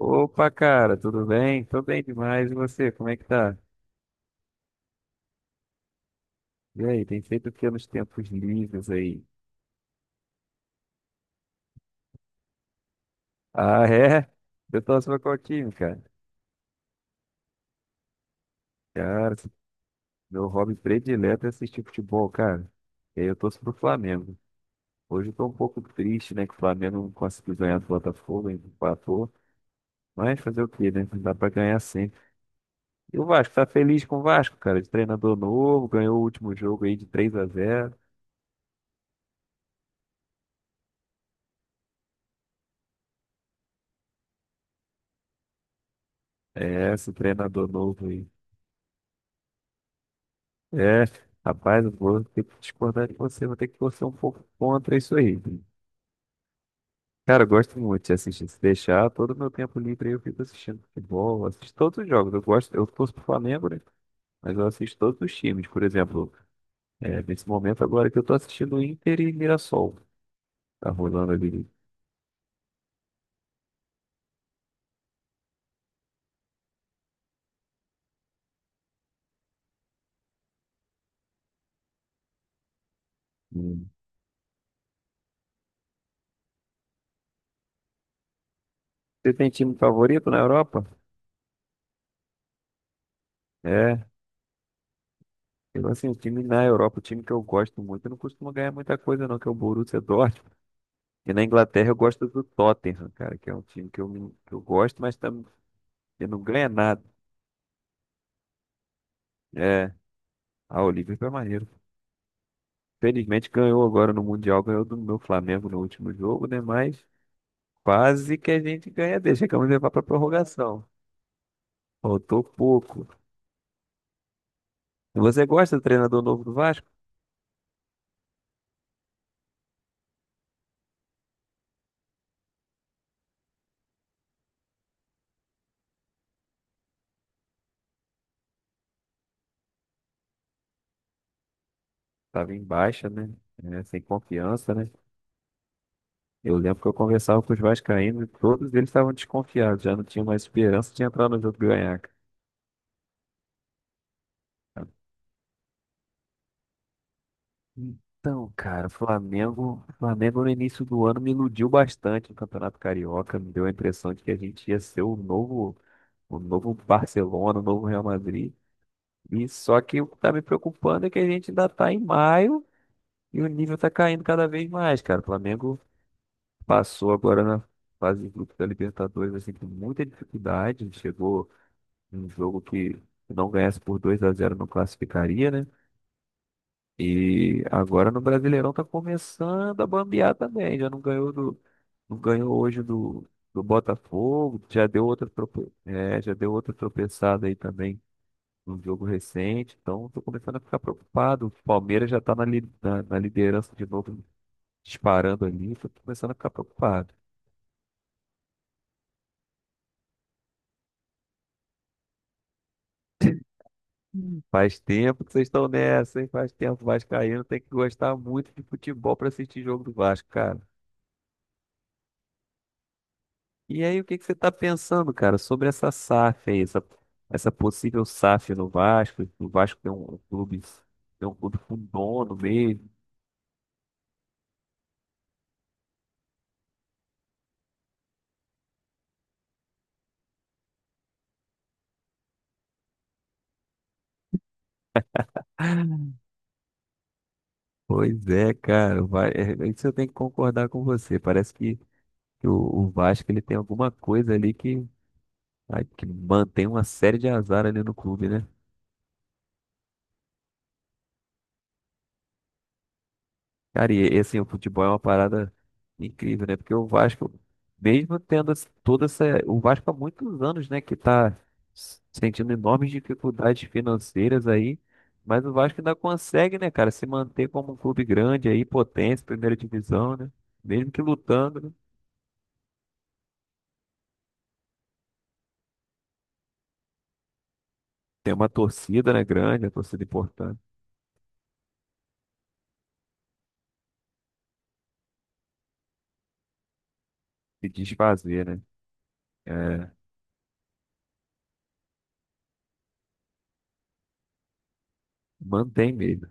Opa, cara, tudo bem? Tô bem demais. E você, como é que tá? E aí, tem feito o que nos tempos livres aí? Ah, é? Eu torço pra qual time, cara? Cara, meu hobby predileto é assistir futebol, cara. E aí eu torço pro Flamengo. Hoje eu tô um pouco triste, né, que o Flamengo não conseguiu ganhar do Botafogo, ainda empatou. Mas fazer o quê, né? Não dá pra ganhar sempre. E o Vasco, tá feliz com o Vasco, cara? De treinador novo, ganhou o último jogo aí de 3 a 0. É, esse treinador novo aí. É, rapaz, eu vou ter que discordar de você, vou ter que torcer um pouco contra isso aí. Cara, eu gosto muito de assistir. Se deixar, todo o meu tempo livre aí eu fico assistindo futebol, assisto todos os jogos. Eu gosto, eu torço pro Flamengo, né? Mas eu assisto todos os times, por exemplo. É, nesse momento agora que eu tô assistindo Inter e Mirassol. Tá rolando ali. Hum. Você tem time favorito na Europa? É. Eu, assim, o time na Europa, o time que eu gosto muito, eu não costumo ganhar muita coisa não, que é o Borussia Dortmund. E na Inglaterra eu gosto do Tottenham, cara, que é um time que eu gosto, mas tam, que não ganha nada. É, ah, o Liverpool é maneiro. Felizmente ganhou agora no Mundial, ganhou do meu Flamengo no último jogo, né? Mas quase que a gente ganha dele. Chegamos a levar pra prorrogação. Faltou pouco. E você gosta do treinador novo do Vasco? Tava em baixa, né? É, sem confiança, né? Eu lembro que eu conversava com os vascaínos e todos eles estavam desconfiados, já não tinham mais esperança de entrar no jogo e ganhar, cara. Então, cara, o Flamengo no início do ano me iludiu bastante no Campeonato Carioca, me deu a impressão de que a gente ia ser o novo Barcelona, o novo Real Madrid. E só que o que tá me preocupando é que a gente ainda tá em maio e o nível tá caindo cada vez mais, cara. O Flamengo passou agora na fase de grupos da Libertadores assim com muita dificuldade, chegou num jogo que, se não ganhasse por 2 a 0, não classificaria, né? E agora no Brasileirão tá começando a bambear também. Já não ganhou do, não ganhou hoje do, do Botafogo, já deu outra, já deu outra tropeçada aí também num jogo recente. Então tô começando a ficar preocupado. O Palmeiras já tá na liderança de novo, disparando ali. Tô começando a ficar preocupado. Faz tempo que vocês estão nessa, hein? Faz tempo, o vascaíno tem que gostar muito de futebol pra assistir jogo do Vasco, cara. E aí, o que que você está pensando, cara, sobre essa SAF aí, essa possível SAF no Vasco? O Vasco tem um clube com dono mesmo. Pois é, cara, o Va- é, é isso eu tenho que concordar com você. Parece que o Vasco ele tem alguma coisa ali que, ai, que mantém uma série de azar ali no clube, né? Cara, e assim, o futebol é uma parada incrível, né? Porque o Vasco, mesmo tendo esse- toda essa. O Vasco há muitos anos, né, que tá s- sentindo enormes dificuldades financeiras aí, mas o Vasco ainda consegue, né, cara, se manter como um clube grande aí, potência, primeira divisão, né? Mesmo que lutando, né? Tem uma torcida, né, grande, uma torcida importante, se desfazer, né? É, mantém mesmo.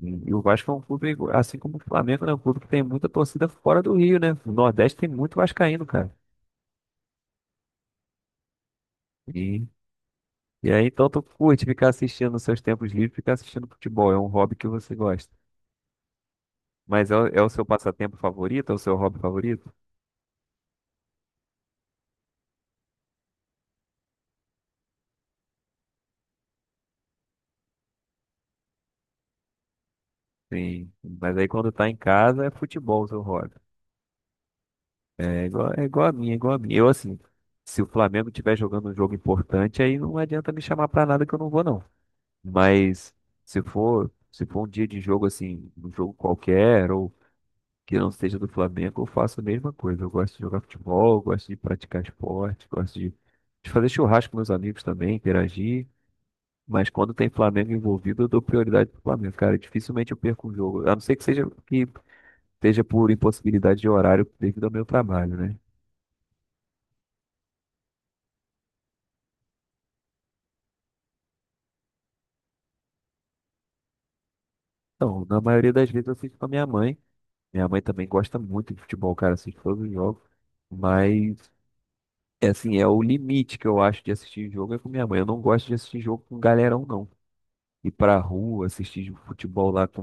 E o Vasco é um clube, assim como o Flamengo, né? Um clube que tem muita torcida fora do Rio, né? O Nordeste tem muito vascaíno, cara. E, e aí, então, tu curte ficar assistindo nos seus tempos livres, ficar assistindo futebol. É um hobby que você gosta. Mas é, o- é o seu passatempo favorito? É o seu hobby favorito? Sim. Mas aí, quando tá em casa, é futebol o seu hobby. É igual a mim, é igual a mim. Eu, assim, se o Flamengo estiver jogando um jogo importante, aí não adianta me chamar pra nada que eu não vou, não. Mas se for um dia de jogo assim, um jogo qualquer, ou que não seja do Flamengo, eu faço a mesma coisa. Eu gosto de jogar futebol, eu gosto de praticar esporte, gosto de fazer churrasco com meus amigos também, interagir. Mas quando tem Flamengo envolvido, eu dou prioridade pro Flamengo, cara. Dificilmente eu perco um jogo. A não ser que seja por impossibilidade de horário devido ao meu trabalho, né? Então, na maioria das vezes eu fico com a minha mãe. Minha mãe também gosta muito de futebol, cara, assiste todos os jogos. Mas é assim, é o limite que eu acho de assistir jogo é com minha mãe. Eu não gosto de assistir jogo com galerão, não. Ir pra rua, assistir futebol lá com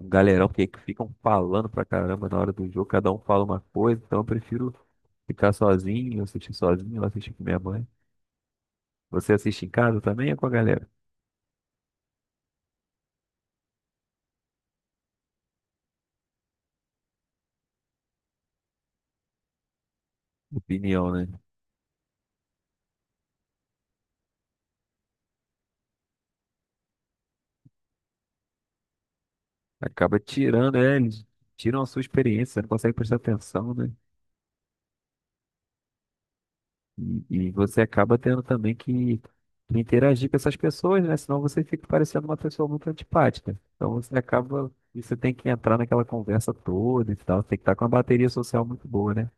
um galerão, porque que ficam falando pra caramba na hora do jogo, cada um fala uma coisa, então eu prefiro ficar sozinho, assistir com minha mãe. Você assiste em casa também é com a galera? Opinião, né? Acaba tirando, é, eles tiram a sua experiência, você não consegue prestar atenção, né? E você acaba tendo também que interagir com essas pessoas, né? Senão você fica parecendo uma pessoa muito antipática. Então você acaba, e você tem que entrar naquela conversa toda e tal. Tem que estar com uma bateria social muito boa, né?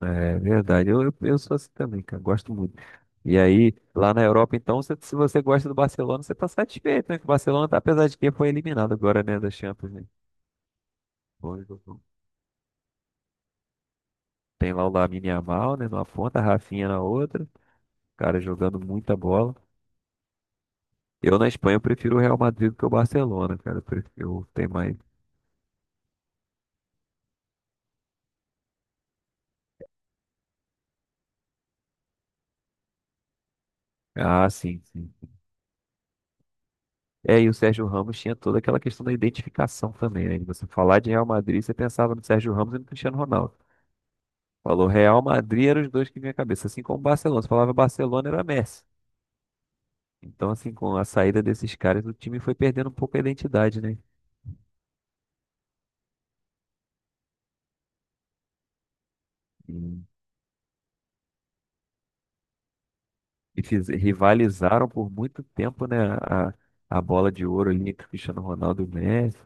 É verdade. Eu sou assim também, cara. Gosto muito. E aí, lá na Europa, então, se você gosta do Barcelona, você tá satisfeito, né? Que o Barcelona, tá, apesar de que foi eliminado agora, né, da Champions, né? Foi- Tem lá o Lamine Yamal, né, numa ponta, a Rafinha na outra, cara jogando muita bola. Eu na Espanha eu prefiro o Real Madrid do que o Barcelona, cara. Eu prefiro tem mais. Ah, sim, sim. É, e o Sérgio Ramos tinha toda aquela questão da identificação também, né? De você falar de Real Madrid, você pensava no Sérgio Ramos e no Cristiano Ronaldo. Falou Real Madrid eram os dois que vinha à cabeça, assim como o Barcelona. Você falava Barcelona era Messi. Então, assim, com a saída desses caras, o time foi perdendo um pouco a identidade, né? E, Rivalizaram por muito tempo, né? A bola de ouro ali entre o Cristiano Ronaldo e o Messi.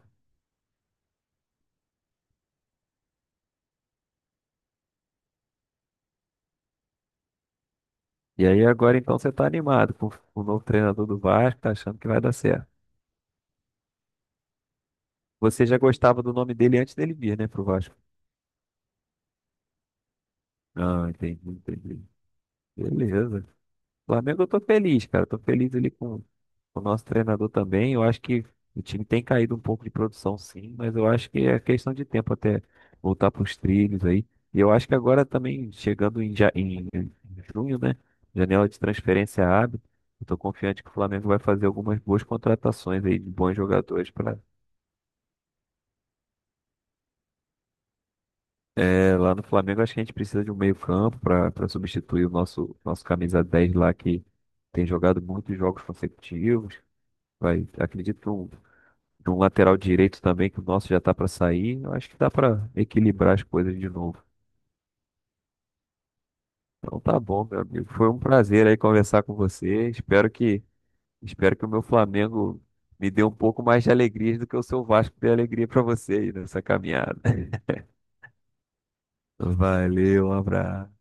E aí agora então você tá animado com o novo treinador do Vasco, tá achando que vai dar certo. Você já gostava do nome dele antes dele vir, né, pro Vasco? Ah, entendi, entendi. Beleza. Flamengo, eu tô feliz, cara. Eu tô feliz ali com, o nosso treinador também. Eu acho que o time tem caído um pouco de produção, sim, mas eu acho que é questão de tempo até voltar pros trilhos aí. E eu acho que agora também, chegando em junho, né? Janela de transferência abre. Eu tô confiante que o Flamengo vai fazer algumas boas contratações aí de bons jogadores para lá no Flamengo. Acho que a gente precisa de um meio-campo para substituir o nosso camisa 10 lá que tem jogado muitos jogos consecutivos. Vai, acredito de um lateral direito também, que o nosso já tá para sair. Eu acho que dá para equilibrar as coisas de novo. Então tá bom, meu amigo. Foi um prazer aí conversar com você. Espero que o meu Flamengo me dê um pouco mais de alegria do que o seu Vasco dê alegria para você aí nessa caminhada. Valeu, um abraço.